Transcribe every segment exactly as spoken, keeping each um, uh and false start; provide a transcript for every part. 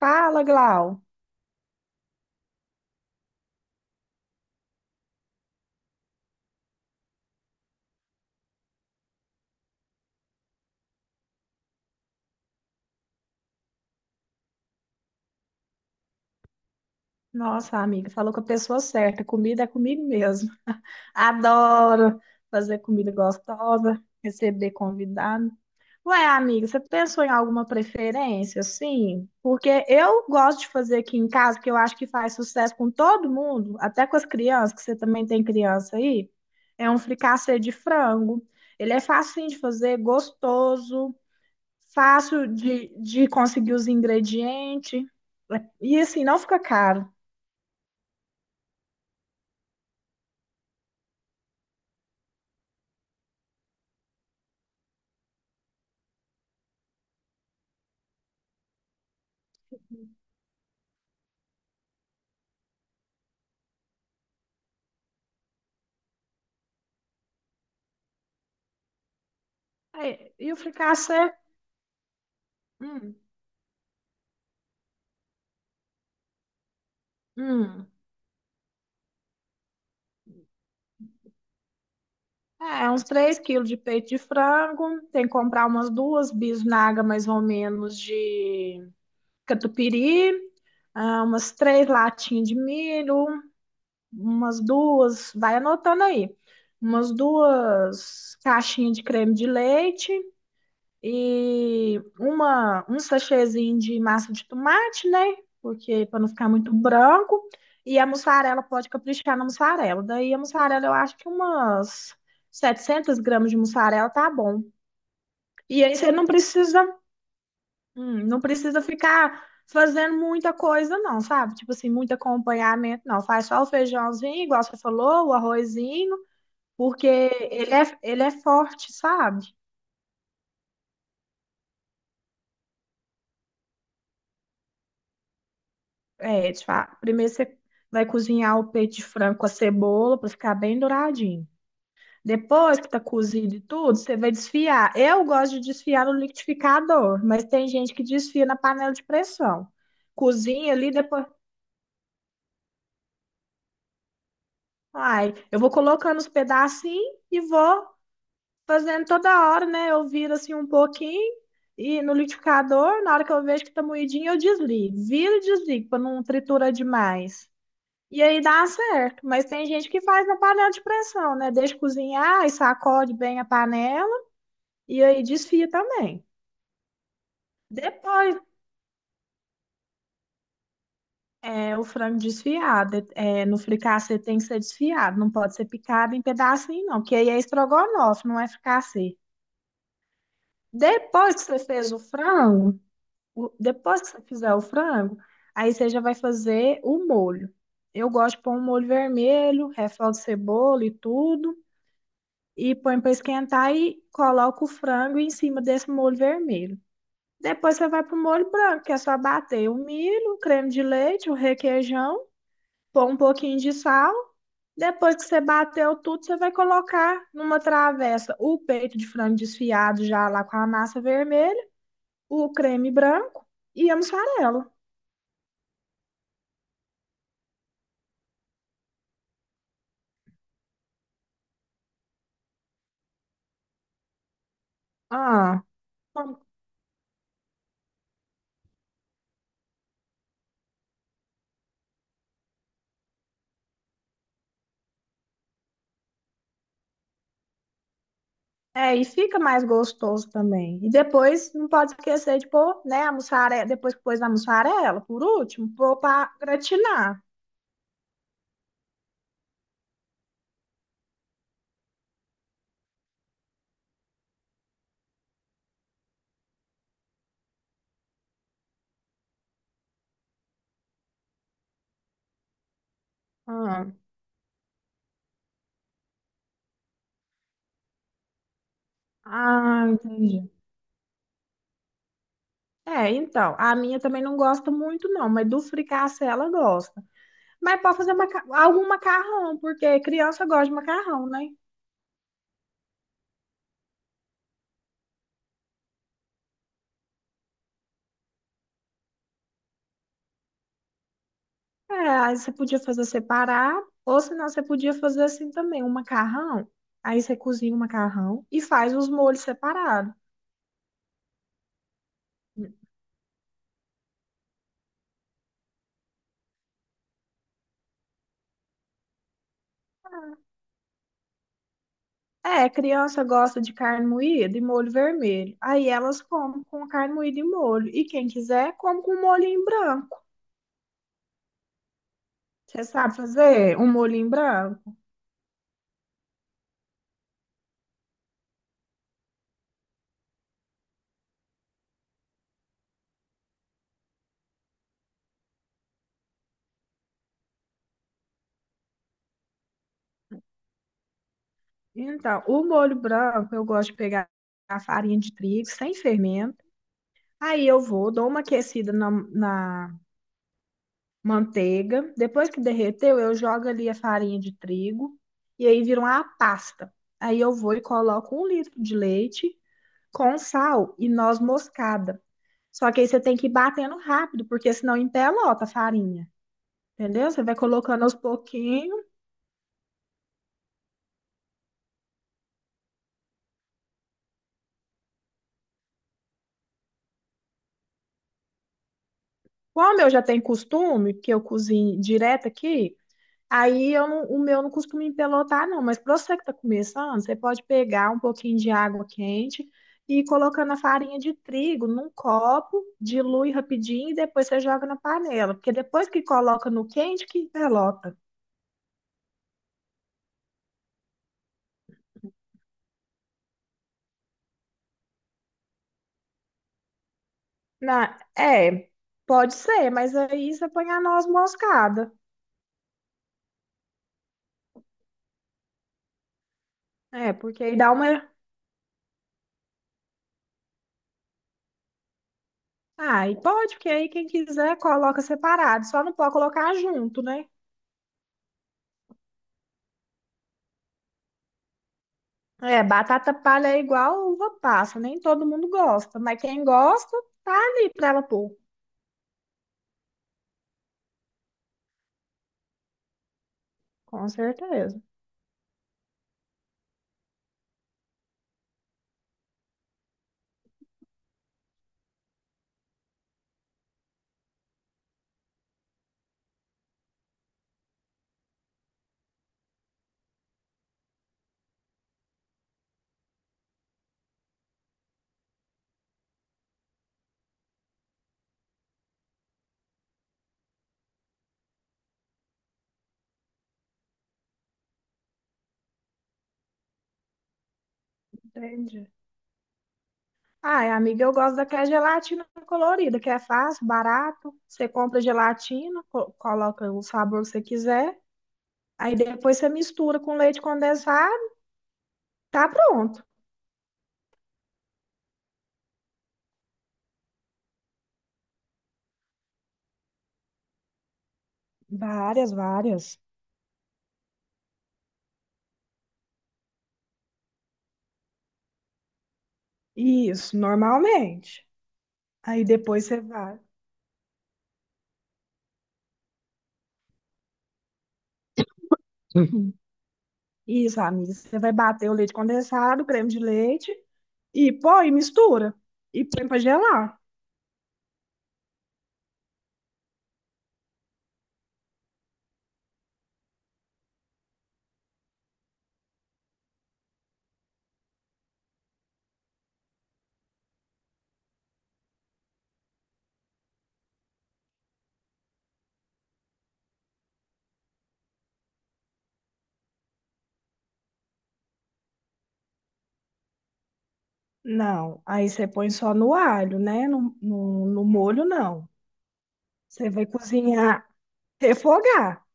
Fala, Glau. Nossa, amiga, falou com a pessoa certa. Comida é comigo mesmo. Adoro fazer comida gostosa, receber convidado. Ué, amiga, você pensou em alguma preferência, assim? Porque eu gosto de fazer aqui em casa, que eu acho que faz sucesso com todo mundo, até com as crianças, que você também tem criança aí. É um fricassê de frango. Ele é facinho de fazer, gostoso. Fácil de, de conseguir os ingredientes. E assim, não fica caro. Aí, e o fricassê, hum, hum, é uns três quilos de peito de frango. Tem que comprar umas duas bisnagas, mais ou menos, de catupiry. Ah, umas três latinhas de milho. Umas duas, vai anotando aí. Umas duas caixinhas de creme de leite. E uma, um sachêzinho de massa de tomate, né? Porque para não ficar muito branco. E a mussarela, pode caprichar na mussarela. Daí a mussarela, eu acho que umas setecentos gramas de mussarela tá bom. E aí você não precisa, hum, não precisa ficar fazendo muita coisa, não, sabe? Tipo assim, muito acompanhamento, não. Faz só o feijãozinho, igual você falou, o arrozinho, porque ele é, ele é forte, sabe? É, tipo, ah, primeiro você vai cozinhar o peito de frango com a cebola para ficar bem douradinho. Depois que tá cozido e tudo, você vai desfiar. Eu gosto de desfiar no liquidificador, mas tem gente que desfia na panela de pressão. Cozinha ali, depois. Ai, eu vou colocando os pedacinhos e vou fazendo toda hora, né? Eu viro assim um pouquinho e no liquidificador, na hora que eu vejo que tá moidinho, eu desligo. Viro e desligo para não triturar demais. E aí dá certo, mas tem gente que faz na panela de pressão, né? Deixa cozinhar e sacode bem a panela e aí desfia também. Depois, é, o frango desfiado, é, no fricassê tem que ser desfiado, não pode ser picado em pedacinho não, porque aí é estrogonofe, não é fricassê. Depois que você fez o frango, o- Depois que você fizer o frango, aí você já vai fazer o molho. Eu gosto de pôr um molho vermelho, refogo de cebola e tudo. E põe para esquentar e coloca o frango em cima desse molho vermelho. Depois você vai pro molho branco, que é só bater o milho, o creme de leite, o requeijão, pôr um pouquinho de sal. Depois que você bateu tudo, você vai colocar numa travessa o peito de frango desfiado já lá com a massa vermelha, o creme branco e a mussarela. Ah, como É, e fica mais gostoso também. E depois, não pode esquecer de pôr, né, a mussarela, depois que pôs na mussarela, por último, pôr para gratinar. Ah, ah, entendi. É, então, a minha também não gosta muito, não, mas do fricassê ela gosta. Mas pode fazer maca- algum macarrão, porque criança gosta de macarrão, né? É, aí você podia fazer separado, ou senão você podia fazer assim também, um macarrão. Aí você cozinha o macarrão e faz os molhos separados. É, criança gosta de carne moída e molho vermelho. Aí elas comem com carne moída e molho. E quem quiser, come com molhinho branco. Você sabe fazer um molhinho branco? Então, o molho branco, eu gosto de pegar a farinha de trigo sem fermento. Aí eu vou, dou uma aquecida na, na manteiga. Depois que derreteu, eu jogo ali a farinha de trigo. E aí vira uma pasta. Aí eu vou e coloco um litro de leite com sal e noz moscada. Só que aí você tem que ir batendo rápido, porque senão empelota a farinha, entendeu? Você vai colocando aos pouquinhos. Como eu já tenho costume, que eu cozinho direto aqui, aí eu não- o meu não costuma empelotar, não. Mas para você que está começando, você pode pegar um pouquinho de água quente e ir colocando a farinha de trigo num copo, dilui rapidinho e depois você joga na panela. Porque depois que coloca no quente, que empelota. Na... É, pode ser, mas aí você põe a noz moscada. É, porque aí dá uma. Ah, e pode, porque aí quem quiser coloca separado, só não pode colocar junto, né? É, batata palha é igual uva passa, nem todo mundo gosta, mas quem gosta, tá ali pra ela pôr, com certeza. Entendi. Ai, amiga, eu gosto daquela gelatina colorida, que é fácil, barato. Você compra gelatina, co- coloca o sabor que você quiser, aí depois você mistura com leite condensado, tá pronto. Várias, várias. Isso, normalmente. Aí depois você vai. Uhum. Isso, amiga. Você vai bater o leite condensado, o creme de leite e põe, mistura. E põe pra gelar. Não, aí você põe só no alho, né? No, no, no molho, não. Você vai cozinhar, refogar.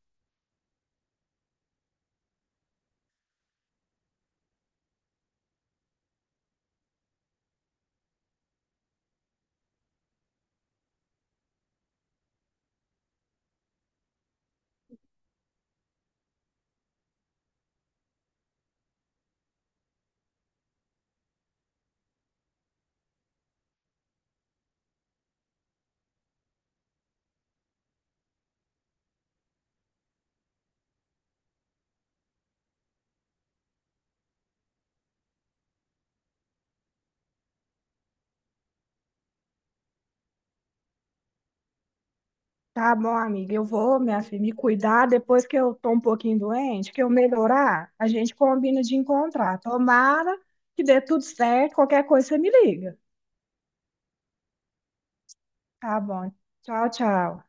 Tá bom, amiga, eu vou, minha filha, me cuidar depois que eu tô um pouquinho doente, que eu melhorar, a gente combina de encontrar. Tomara que dê tudo certo, qualquer coisa você me liga. Tá bom. Tchau, tchau.